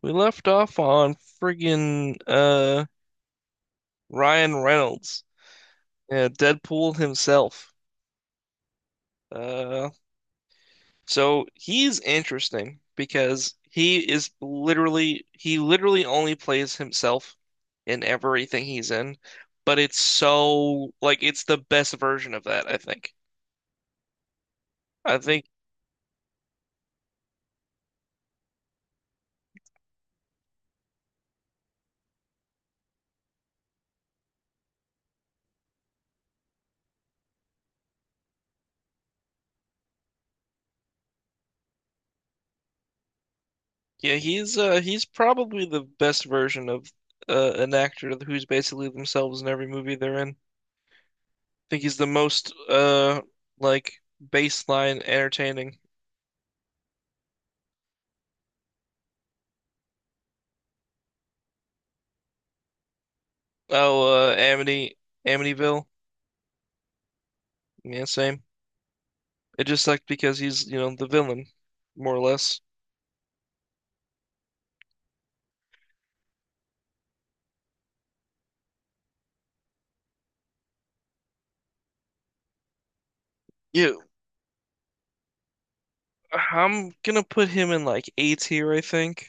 We left off on friggin' Ryan Reynolds, Deadpool himself. Uh, so he's interesting because he literally only plays himself in everything he's in, but it's so like it's the best version of that, I think. I think yeah, he's probably the best version of an actor who's basically themselves in every movie they're in. Think he's the most like baseline entertaining. Oh, Amityville. Yeah, same. It just sucked because he's, you know, the villain, more or less. Yeah, I'm gonna put him in like A tier, I think.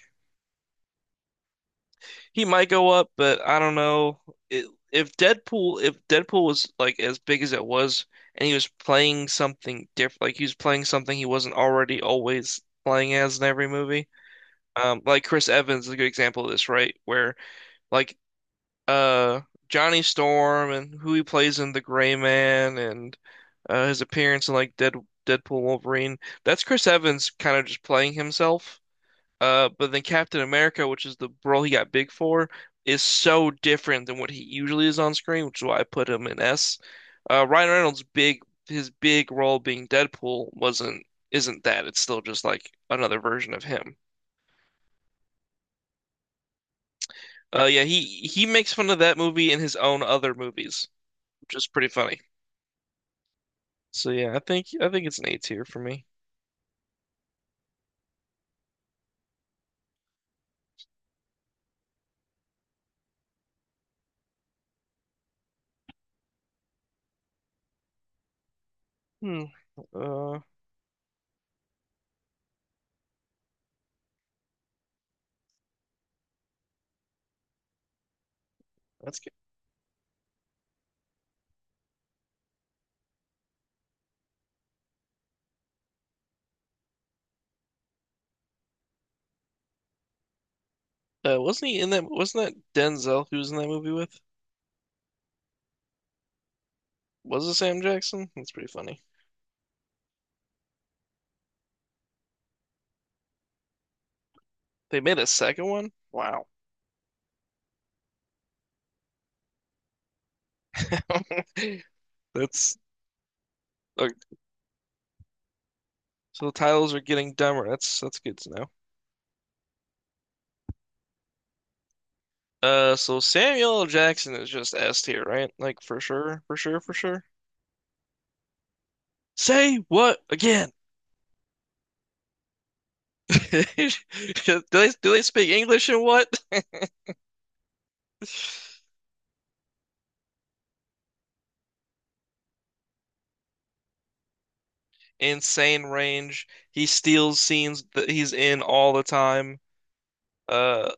He might go up, but I don't know. It, if Deadpool was like as big as it was, and he was playing something different, like he was playing something he wasn't already always playing as in every movie. Like Chris Evans is a good example of this, right? Where like uh Johnny Storm and who he plays in The Gray Man and his appearance in like Deadpool Wolverine. That's Chris Evans kind of just playing himself. But then Captain America, which is the role he got big for, is so different than what he usually is on screen, which is why I put him in S. Ryan Reynolds' big his big role being Deadpool wasn't isn't that. It's still just like another version of him. Yeah, he makes fun of that movie in his own other movies, which is pretty funny. So yeah, I think it's an A tier for me. Hmm. Uh, that's good. Wasn't he in that? Wasn't that Denzel who was in that movie with? Was it Sam Jackson? That's pretty funny. They made a second one? Wow. That's uh, so the titles are getting dumber. That's good to know. So Samuel L. Jackson is just S tier, right? Like for sure, for sure, for sure. Say what again? Do do they speak English and what? insane range. He steals scenes that he's in all the time. Uh,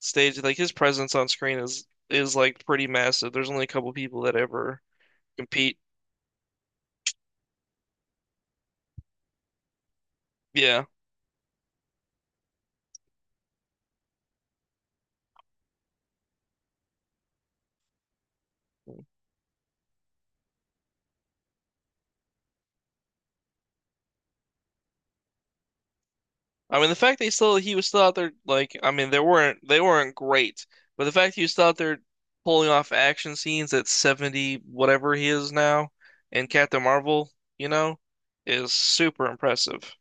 stage like His presence on screen is like pretty massive. There's only a couple people that ever compete. Yeah. I mean the fact that he was still out there like I mean they weren't great, but the fact that he was still out there pulling off action scenes at 70 whatever he is now in Captain Marvel, you know, is super impressive.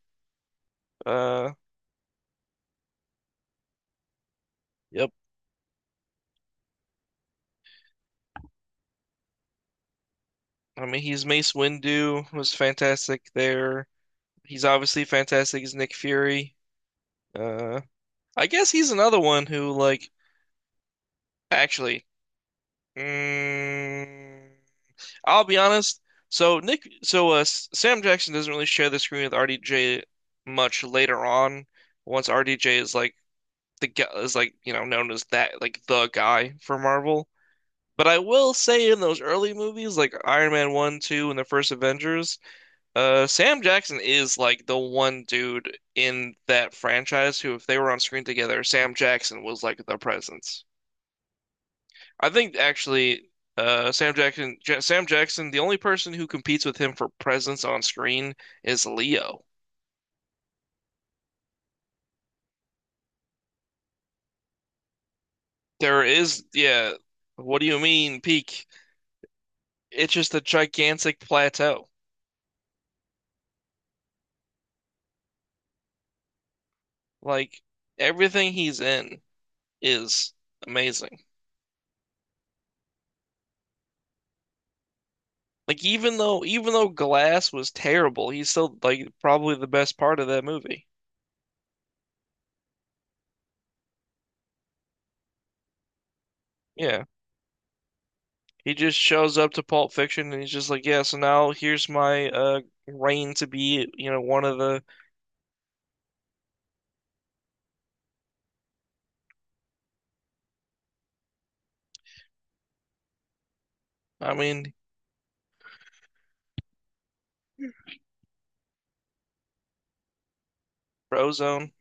Uh yep. I mean he's Mace Windu was fantastic there. He's obviously fantastic as Nick Fury. Uh, I guess he's another one who, like, actually, mm, I'll be honest. So Nick, so Sam Jackson doesn't really share the screen with RDJ much later on. Once RDJ is like you know known as that like the guy for Marvel. But I will say in those early movies like Iron Man 1, 2, and the first Avengers, Sam Jackson is like the one dude in that franchise who, if they were on screen together, Sam Jackson was like the presence. I think actually, Sam Jackson, the only person who competes with him for presence on screen is Leo. There is, yeah. What do you mean peak? It's just a gigantic plateau. Like everything he's in is amazing. Like even though Glass was terrible, he's still like probably the best part of that movie. Yeah. He just shows up to Pulp Fiction and he's just like, yeah, so now here's my reign to be, you know, one of the I mean, Frozone.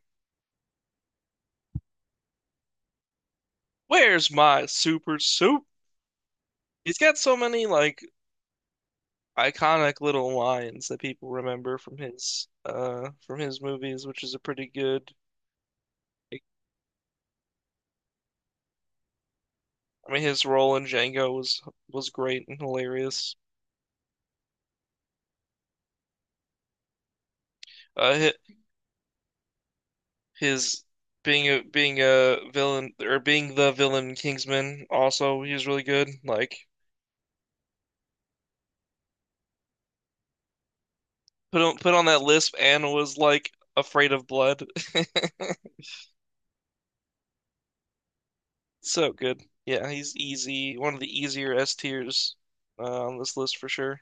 Where's my super soup? He's got so many like iconic little lines that people remember from his movies, which is a pretty good I mean his role in Django was great and hilarious. Uh, hi- His being a villain or being the villain in Kingsman also he was really good. Like put on that lisp and was like afraid of blood. So good. Yeah, he's easy. One of the easier S tiers on this list for sure.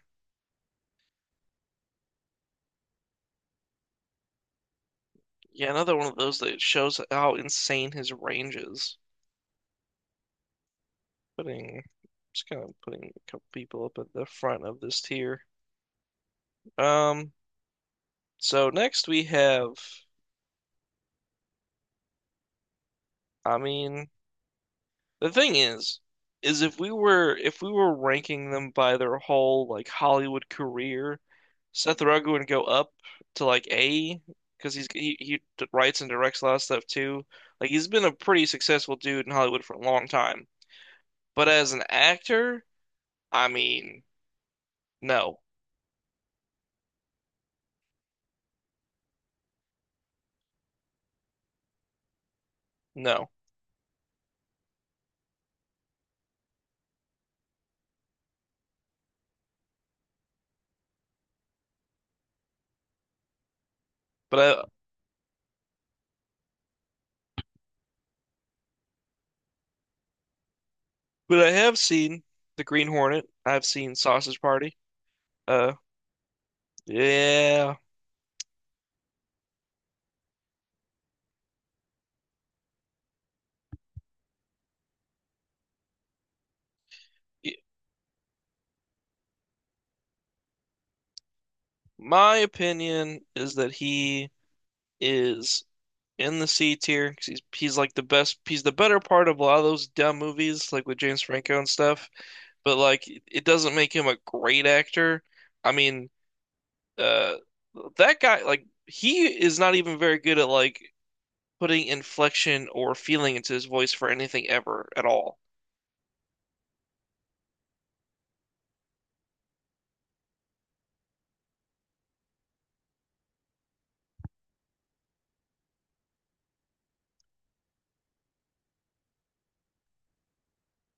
Yeah, another one of those that shows how insane his range is. Putting Just kind of putting a couple people up at the front of this tier. Um, so next we have, I mean, The thing is, if we were ranking them by their whole like Hollywood career, Seth Rogen would go up to like A because he writes and directs a lot of stuff too. Like he's been a pretty successful dude in Hollywood for a long time. But as an actor, I mean, no, no. But I but I have seen The Green Hornet. I've seen Sausage Party. Uh, yeah. My opinion is that he is in the C tier because he's like the best. He's the better part of a lot of those dumb movies, like with James Franco and stuff. But like, it doesn't make him a great actor. I mean, uh, that guy, like, he is not even very good at like putting inflection or feeling into his voice for anything ever at all.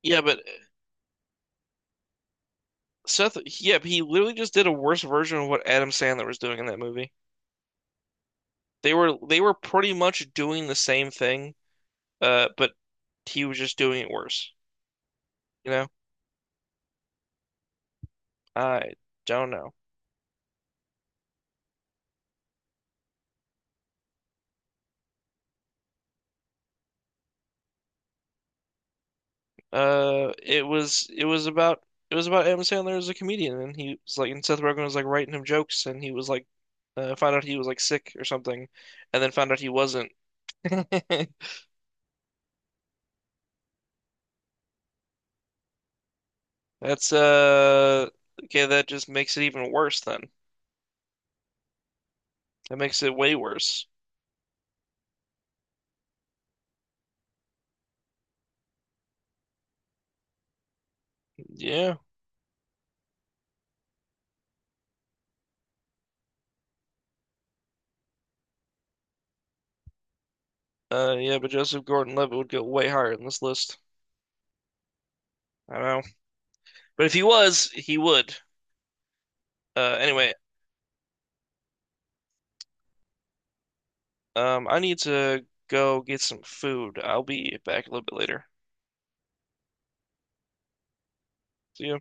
Yeah, but uh, yeah, he literally just did a worse version of what Adam Sandler was doing in that movie. They were pretty much doing the same thing, but he was just doing it worse, you know? I don't know. It was about Adam Sandler as a comedian, and he was like, and Seth Rogen was like writing him jokes, and he was like, found out he was like sick or something, and then found out he wasn't. That's okay. That just makes it even worse. Then that makes it way worse. Yeah. Yeah, but Joseph Gordon-Levitt would go way higher in this list. I don't know, but if he was, he would. Anyway, I need to go get some food. I'll be back a little bit later. See ya.